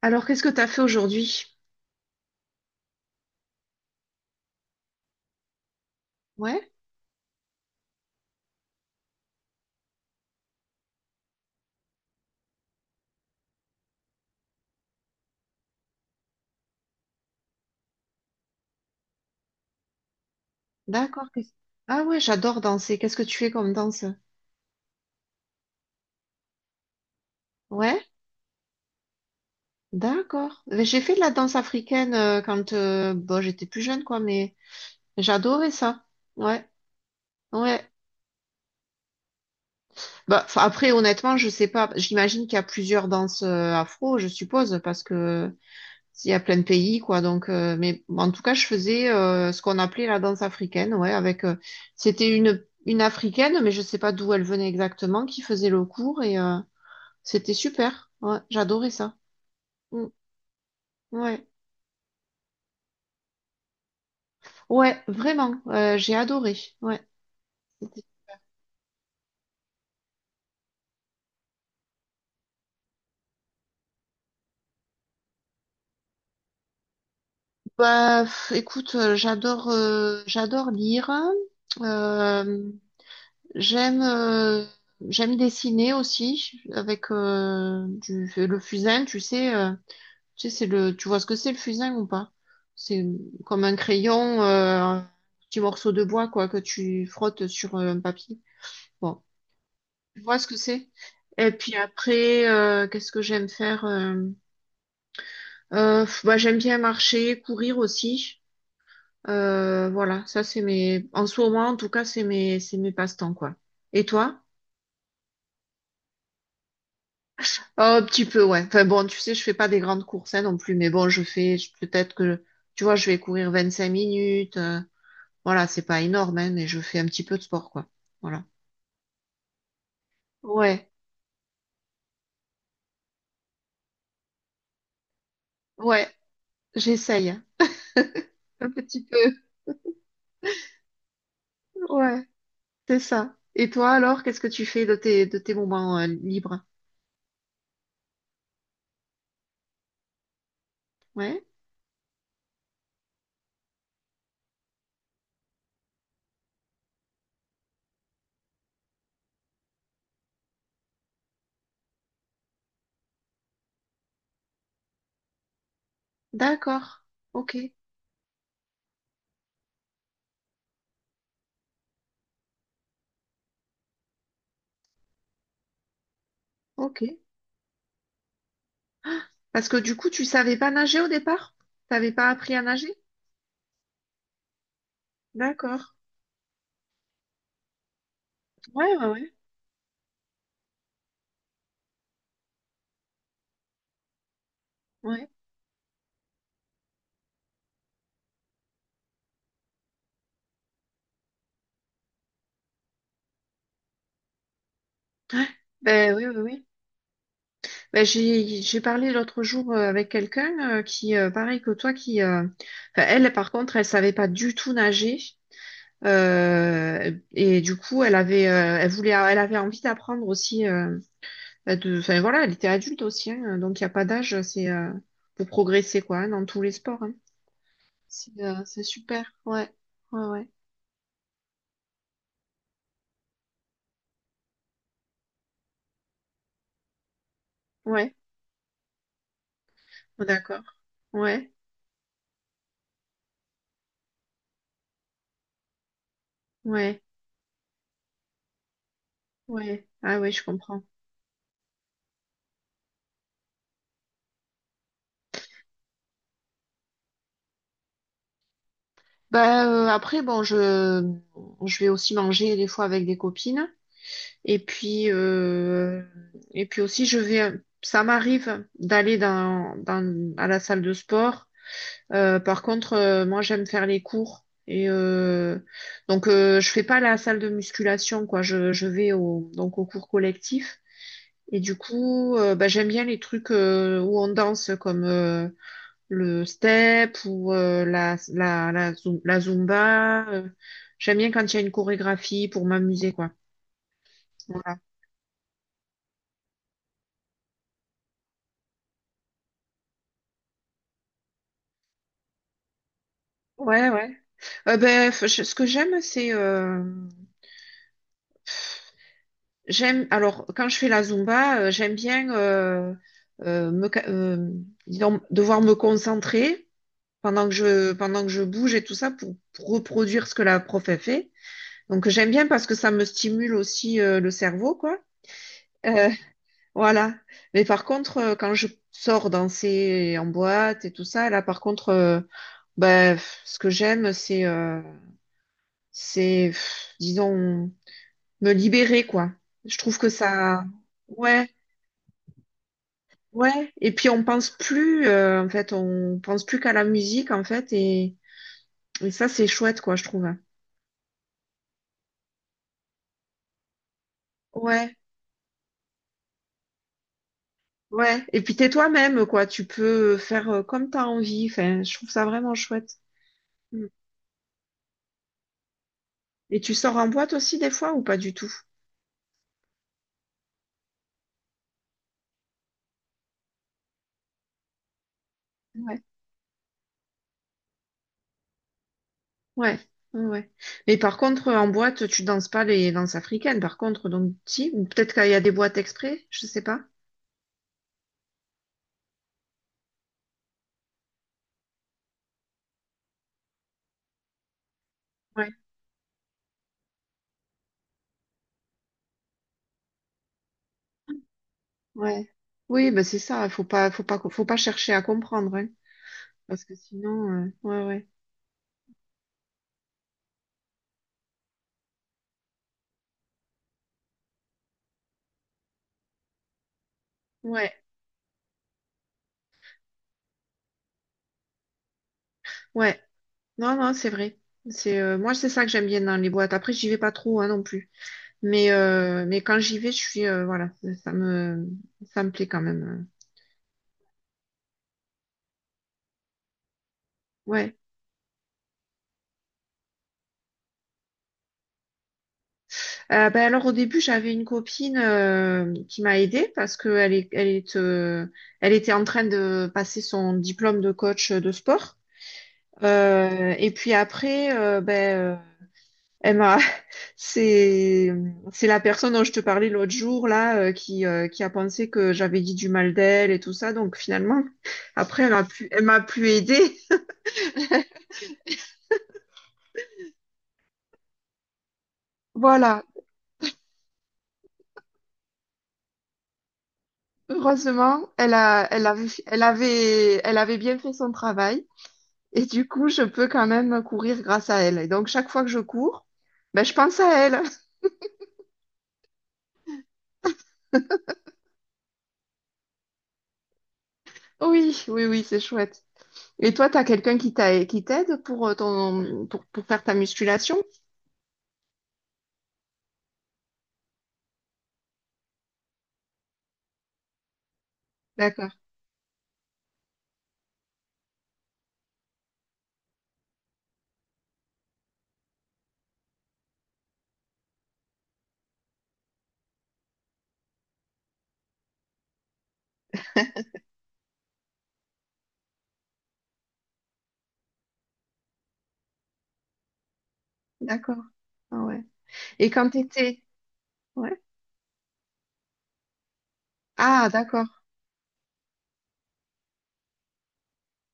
Alors, qu'est-ce que tu as fait aujourd'hui? Ouais, d'accord. Ah ouais, j'adore danser. Qu'est-ce que tu fais comme danse? Ouais, d'accord. Mais j'ai fait de la danse africaine quand bon, j'étais plus jeune, quoi, mais j'adorais ça. Ouais, ouais. Bah, 'fin, après, honnêtement, je sais pas. J'imagine qu'il y a plusieurs danses afro, je suppose, parce que il y a plein de pays, quoi. Donc, mais en tout cas, je faisais ce qu'on appelait la danse africaine, ouais, avec c'était une africaine, mais je sais pas d'où elle venait exactement, qui faisait le cours et c'était super. Ouais, j'adorais ça. Mm. Ouais. Ouais, vraiment. J'ai adoré. Ouais. C'était- Bah, écoute, j'adore lire. Euh, j'aime euh, j'aime dessiner aussi avec le fusain, tu sais, tu vois ce que c'est le fusain ou pas? C'est comme un crayon, un petit morceau de bois quoi que tu frottes sur un papier. Bon, je vois ce que c'est. Et puis après, qu'est-ce que j'aime faire? Bah, j'aime bien marcher, courir aussi. Voilà, ça c'est mes. En ce moment, en tout cas, c'est mes passe-temps, quoi. Et toi? Oh, un petit peu, ouais. Enfin bon, tu sais, je fais pas des grandes courses, hein, non plus, mais bon, je fais peut-être que tu vois, je vais courir 25 minutes. Voilà, c'est pas énorme, hein, mais je fais un petit peu de sport, quoi. Voilà. Ouais, ouais, j'essaye, hein. Un petit peu. Ouais. C'est ça. Et toi alors, qu'est-ce que tu fais de tes, moments libres? Ouais, d'accord. Ok, ok. Parce que du coup, tu savais pas nager au départ? T'avais pas appris à nager? D'accord. Ouais, ouais, ouais. Ouais. Ouais. Ben oui, oui, oui. Ben, j'ai parlé l'autre jour avec quelqu'un qui, pareil que toi, qui, enfin, elle par contre, elle savait pas du tout nager. Et du coup, elle avait envie d'apprendre aussi. Bah, enfin, voilà, elle était adulte aussi, hein, donc il n'y a pas d'âge, c'est pour progresser, quoi, hein, dans tous les sports, hein. C'est super, ouais, ouais, ouais, ouais. Oh, d'accord, ouais, ouais, ouais, ah ouais, je comprends. Bah, après, bon, je vais aussi manger des fois avec des copines, et puis, euh, et puis aussi, ça m'arrive d'aller à la salle de sport. Par contre, moi, j'aime faire les cours. Et donc, je fais pas la salle de musculation, quoi. Je vais donc au cours collectif. Et du coup, bah, j'aime bien les trucs où on danse, comme le step ou la zumba. J'aime bien quand il y a une chorégraphie pour m'amuser, quoi. Voilà. Ouais, ouais. Ben, ce que j'aime, c'est j'aime, alors, quand je fais la Zumba, j'aime bien euh, me, ca- euh, disons, devoir me concentrer pendant pendant que je bouge et tout ça pour reproduire ce que la prof a fait. Donc, j'aime bien parce que ça me stimule aussi le cerveau, quoi. Euh, voilà. Mais par contre, quand je sors danser en boîte et tout ça, là, par contre, ben, ce que j'aime, c'est, disons, me libérer, quoi. Je trouve que ça, ouais. Ouais, et puis on pense plus, en fait, on pense plus qu'à la musique, en fait, et ça, c'est chouette, quoi, je trouve. Ouais, ouais, et puis t'es toi-même, quoi, tu peux faire comme t'as envie, enfin, je trouve ça vraiment chouette. Mm. Et tu sors en boîte aussi, des fois, ou pas du tout? Ouais. Ouais, ouais. Ouais. Mais par contre, en boîte, tu danses pas les danses africaines, par contre, donc, si, ou peut-être qu'il y a des boîtes exprès, je sais pas. Ouais. Ouais. Oui, ben c'est ça, faut pas, faut pas, faut pas chercher à comprendre, hein, parce que sinon, ouais, ouais. Ouais, ouais. Non, non, c'est vrai. C'est Moi, c'est ça que j'aime bien dans les boîtes. Après, j'y vais pas trop, hein, non plus. Mais quand j'y vais, je suis voilà, ça me ça me plaît quand même. Ouais. Ben alors au début, j'avais une copine qui m'a aidée parce que elle était en train de passer son diplôme de coach de sport. Et puis après, ben elle m'a C'est c'est la personne dont je te parlais l'autre jour là qui a pensé que j'avais dit du mal d'elle et tout ça. Donc finalement, après elle a pu elle m'a plus aidée. Voilà. Heureusement, elle a elle avait elle avait elle avait bien fait son travail et du coup, je peux quand même courir grâce à elle. Et donc chaque fois que je cours, ben je pense à elle. Oui, oui, oui, c'est chouette. Et toi, t'as quelqu'un qui t'aide pour ton pour faire ta musculation? D'accord, d'accord. Ah ouais. Et quand t'étais. Ouais. Ah, d'accord.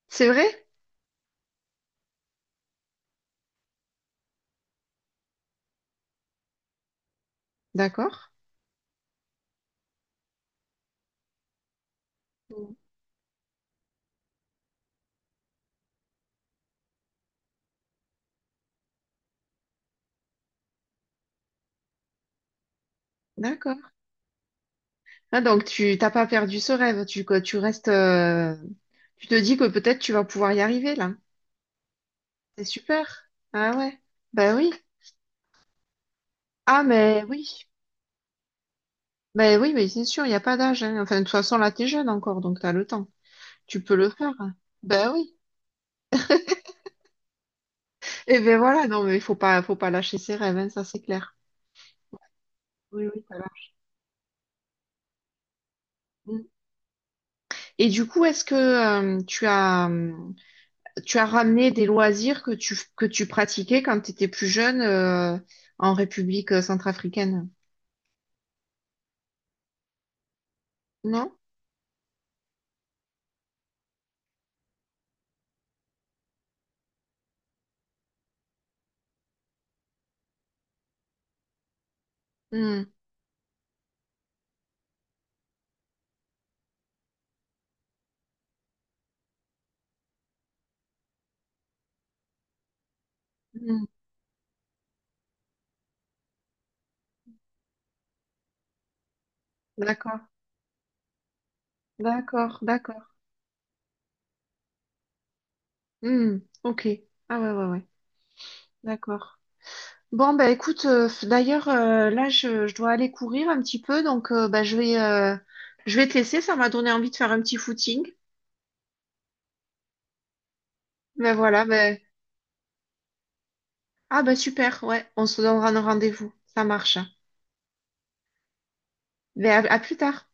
C'est vrai? D'accord. Mm. D'accord. Ah, donc tu t'as pas perdu ce rêve. Tu, quoi, tu restes. Tu te dis que peut-être tu vas pouvoir y arriver là. C'est super. Ah ouais. Ben oui. Ah mais oui. Ben oui, mais c'est sûr, il n'y a pas d'âge, hein. Enfin, de toute façon, là, t'es jeune encore, donc t'as le temps. Tu peux le faire. Ben oui. Et ben voilà, non, mais il faut pas lâcher ses rêves, hein, ça c'est clair. Oui, oui, t'as l'âge. Mm. Et du coup, est-ce que tu as ramené des loisirs que tu pratiquais quand tu étais plus jeune en République centrafricaine, non? Hmm, hmm, d'accord, d'accord, d'accord. Hmm, ok. Ah ouais, ouais, ouais. D'accord. Bon, bah écoute, d'ailleurs, là, je dois aller courir un petit peu, donc bah, je vais te laisser, ça m'a donné envie de faire un petit footing. Ben voilà, ben. Ah ben super, ouais, on se donnera un rendez-vous, ça marche. Ben à plus tard.